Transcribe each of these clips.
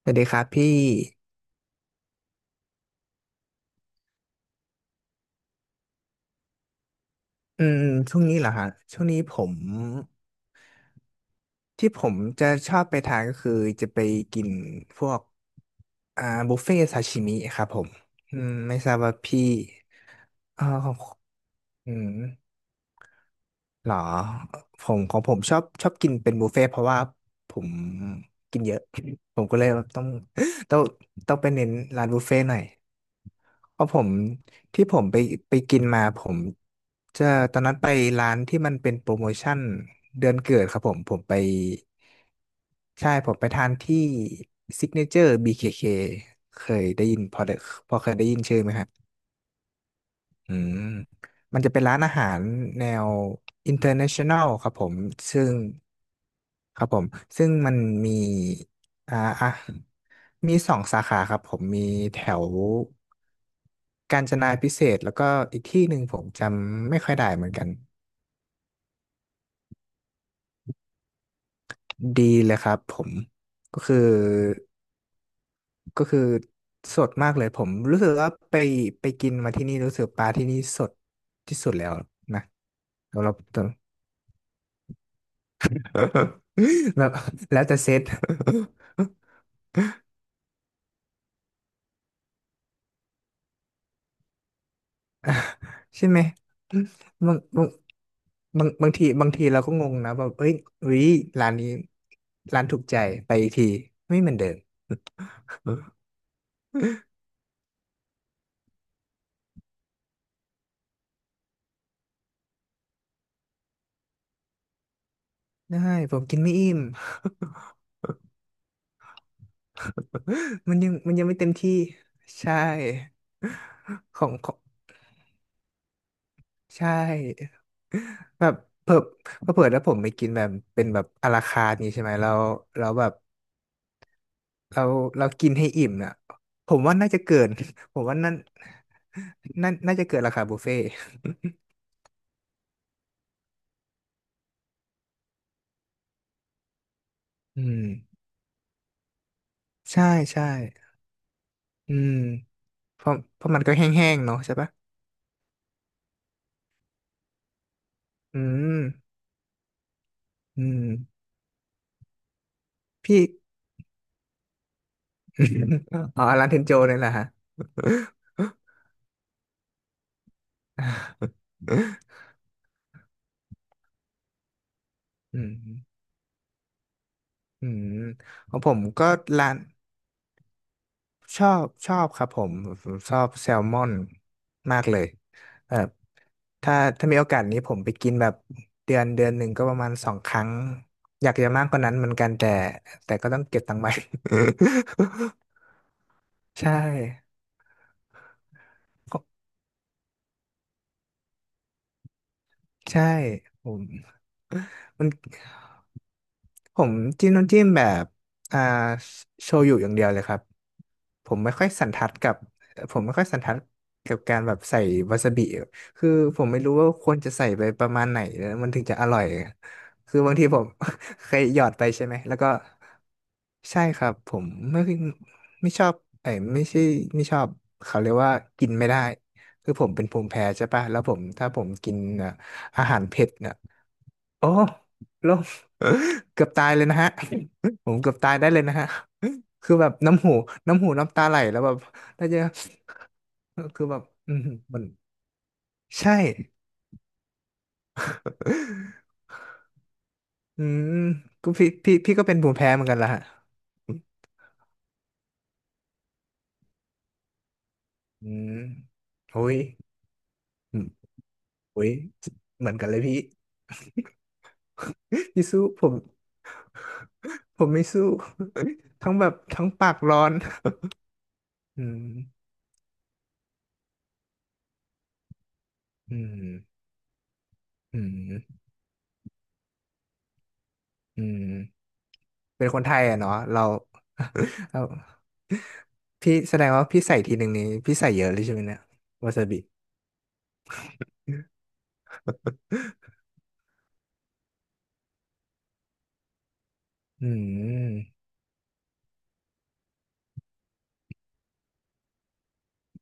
สวัสดีครับพี่อืมช่วงนี้เหรอฮะช่วงนี้ผมที่ผมจะชอบไปทานก็คือจะไปกินพวกอ่าบุฟเฟ่ซาชิมิครับผมอืมไม่ทราบว่าพี่อ่อของอืมเหรอผมของผมชอบกินเป็นบุฟเฟ่ต์เพราะว่าผมกินเยอะ ผมก็เลยแบบต้องต้องไปเน้นร้านบุฟเฟ่ต์หน่อย เพราะผมที่ผมไปไปกินมาผมจะตอนนั้นไปร้านที่มันเป็นโปรโมชั่นเดือนเกิดครับผมผมไปใช่ผมไปทานที่ซิกเนเจอร์ BKK เคเคเคยได้ยินพอเคยได้ยินชื่อไหมครับอืมมันจะเป็นร้านอาหารแนว international ครับผมซึ่ง ครับผมซึ่งมันมีอ่าอ่ะมีสองสาขาครับผมมีแถวกาญจนาพิเศษกแล้วก็อีกที่หนึ่งผมจำไม่ค่อยได้เหมือนกันดีเลยครับผมก็คือก็คือสดมากเลยผมรู้สึกว่าไปกินมาที่นี่รู้สึกปลาที่นี่สดที่สุดแล้วนะเราเแบ บแล้วแต่เซต ใช่ไหมบางบางบางทีเราก็งงนะแบบเอ้ยอุ้ยร้านนี้ร้านถูกใจไปอีกทีไม่เหมือนเดิมได้ผมกินไม่อิ่ม มันยังไม่เต็มที่ใช่ของของใช่แบบเพิ่มเผื่อถ้าผมไปกินแบบเป็นแบบอาราคาร์ทนี้ใช่ไหมเราเราแบบเราเรากินให้อิ่มน่ะผมว่าน่าจะเกิน ผมว่านั่นนั่นน่าจะเกินราคาบุฟเฟ่ต์ อืมใช่ใช่อืมเพราะมันก็แห้งๆเนาะใช่ปะอืมอืมพี่ อ๋อร้านเทนโจเนี่ยแหละฮะ อืมอืมของผมก็ร้านชอบครับผมผมชอบแซลมอนมากเลยแบบถ้ามีโอกาสนี้ผมไปกินแบบเดือนหนึ่งก็ประมาณสองครั้งอยากจะมากกว่านั้นเหมือนกันแต่ก็ต้องเก็บตังค์ไว้ ใช่ ใช่ผม มันผมจิ้มน้ำจิ้มแบบอ่าโชยุอย่างเดียวเลยครับผมไม่ค่อยสันทัดกับผมไม่ค่อยสันทัดกับการแบบใส่วาซาบิคือผมไม่รู้ว่าควรจะใส่ไปประมาณไหนแล้วมันถึงจะอร่อยคือบางทีผม เคยหยอดไปใช่ไหมแล้วก็ใช่ครับผมไม่ไม่ชอบไอ้ยไม่ใช่ไม่ชอบเขาเรียกว่ากินไม่ได้คือผมเป็นภูมิแพ้ใช่ป่ะแล้วผมถ้าผมกินอ่ะอาหารเผ็ดเนี่ย โอ้ลง เกือบตายเลยนะฮะ ผมเกือบตายได้เลยนะฮะ คือแบบน้ำหูน้ำหูน้ำตาไหลแล้วแบบน่าจะ คือแบบอืมมันใช่ อืมก็พี่พี่ก็เป็นภูมิแพ้เหมือนกันละฮะอืมโอ้ยอืมโอ้ยเหมือนกันเลยพี่ พี่สู้ผมผมไม่สู้ ทั้งแบบทั้งปากร้อนอืมอืมอืมอืม เป็นคนไทยอะเนาะเรา เราพี่แสดงว่าพี่ใส่ทีหนึ่งนี้พี่ใส่เยอะเลยใช่ไหมเนี่ยวาซาบิ อืม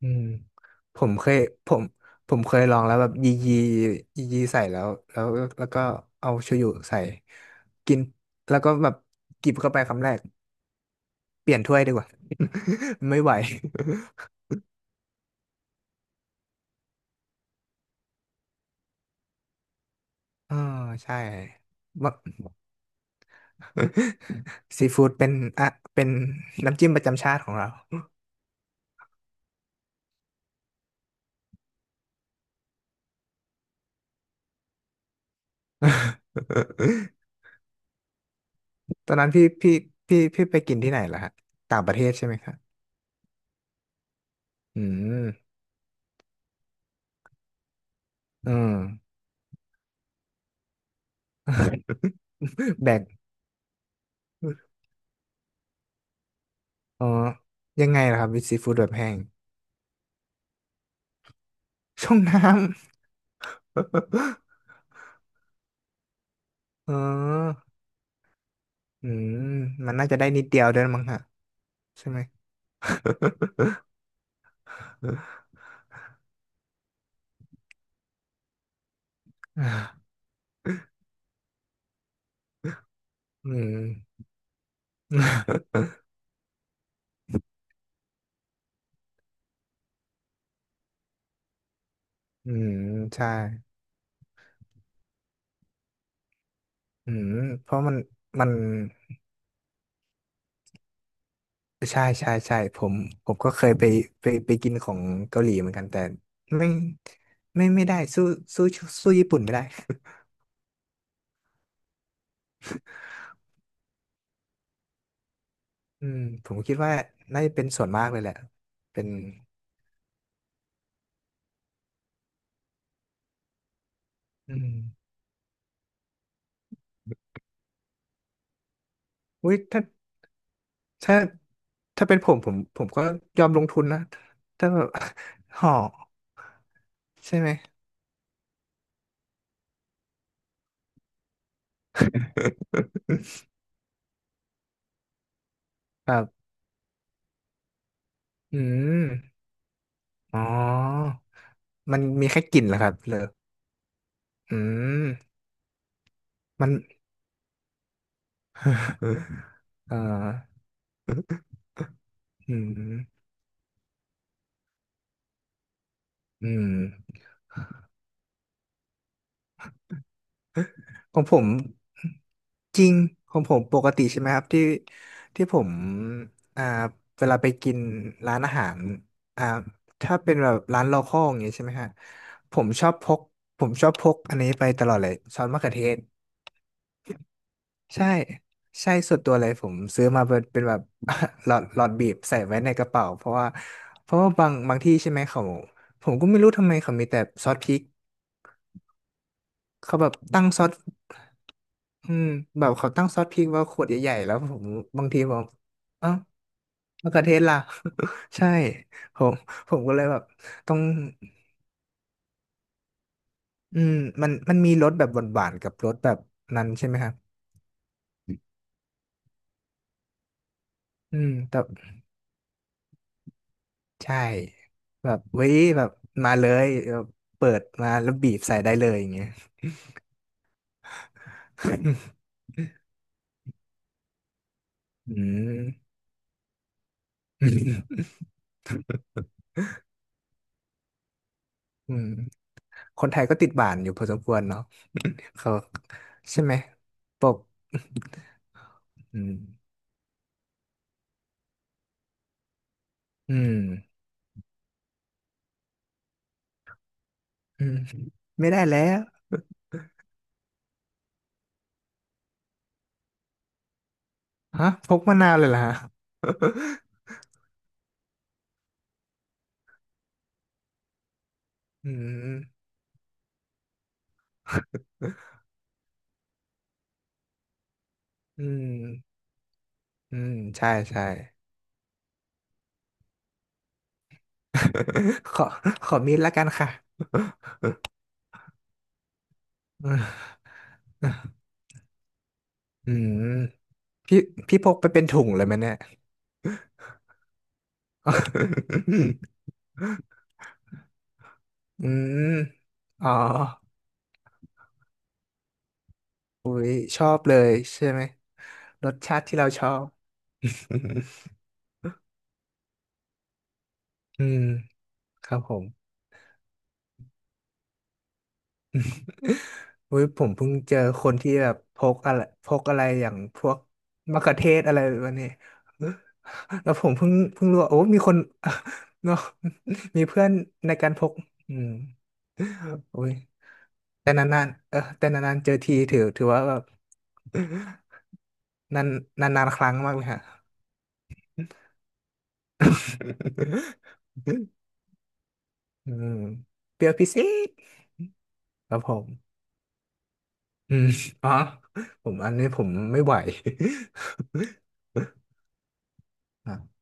อืมผมเคยผมผมเคยลองแล้วแบบยียียียีใส่แล้วแล้วก็เอาโชยุใส่กินแล้วก็แบบกิบเข้าไปคำแรกเปลี่ยนถ้วยดีกว่า ไม่ไหว อ่าใช่ว่า ซีฟู้ดเป็นอ่ะเป็นน้ำจิ้มประจำชาติของเรา ตอนนั้นพี่ไปกินที่ไหนล่ะฮะต่างประเทศใช่ไหมครับอืมอืม แบกอ๋อยังไงล่ะครับวิซีฟู้ดแบบแห้งช่องน้ำ อ๋ออืมมันน่าจะได้นิดเดียวด้วยมั้งฮะใช่ไหม อืม อืมใช่อืมเพราะมันใช่ใช่ใช่ผมผมก็เคยไปกินของเกาหลีเหมือนกันแต่ไม่ไม่ไม่ได้สู้สู้ญี่ปุ่นไม่ได้ อืมผมคิดว่าน่าจะเป็นส่วนมากเลยแหละเป็นอืมอุ้ยถ้าถ้าเป็นผมผมก็ยอมลงทุนนะถ้าแบบ ห่อใช่ไหม ครับอืมอ๋อมันมีแค่กลิ่นเหรอครับเลยออืมมัน เอ่ออืมอืม ของผมจริงของผมปกติใช่ไหมครับที่ที่ผมอ่าเวลาไปกินร้านอาหารอ่าถ้าเป็นแบบร้านโลคอลอย่างเงี้ยใช่ไหมฮะผมชอบพกผมชอบพกอันนี้ไปตลอดเลยซอสมะเขือเทศใช่ใช่ส่วนตัวเลยผมซื้อมาเป็นแบบ หลอดบีบใส่ไว้ในกระเป๋าเพราะว่าเพราะว่าบางที่ใช่ไหมเขาผมก็ไม่รู้ทำไมเขามีแต่ซอสพริก เขาแบบตั้งซอสอืมแบบเขาตั้งซอสพริกว่าขวดใหญ่ๆแล้วผมบางทีผมเอ้ามะเขือเทศล่ะ ใช่ผมผมก็เลยแบบต้องอืมมันมีรสแบบหวานๆกับรสแบบนั้นใช่ไหมครับอืมแต่ใช่แบบเว้ยแบบมาเลยแบบเปิดมาแล้วบีบใส่ได้เลยอย่างเงี้ย อืม อืมคนไทยก็ติดหวานอยู่พอสมควรเนาะ เขาใช่ไหมปก อืมอืมอืมไม่ได้แล้วฮะพกมะนาวเลยล่ะ อืมอืมอืมใช่ใช่ ขอขอมีดละกันค่ะ อืมอืมพี่พี่พกไปเป็นถุงเลยไหมเนี่ย อืมอ๋ออุ้ยชอบเลยใช่ไหมรสชาติที่เราชอบ อืมครับผม อุ้ยผมเพิ่งเจอคนที่แบบพกอะไรอย่างพวกมะเขือเทศอะไรแบบนี้ แล้วผมเพิ่งรู้ว่าโอ้มีคน เนาะมีเพื่อนในการพกอืมโอ้ยแต่นานๆเจอทีถือถือว่าแบบ นานนานๆครั้งมากเลยฮะ อืมเปรี้ยวพิเศษครับผมอืม อ๋อผมอันนี้ผมไม่ไหว อ่ะ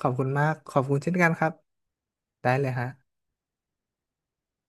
ขอบคุณมาก ขอบคุณเช่นกันครับ ได้เลยฮะ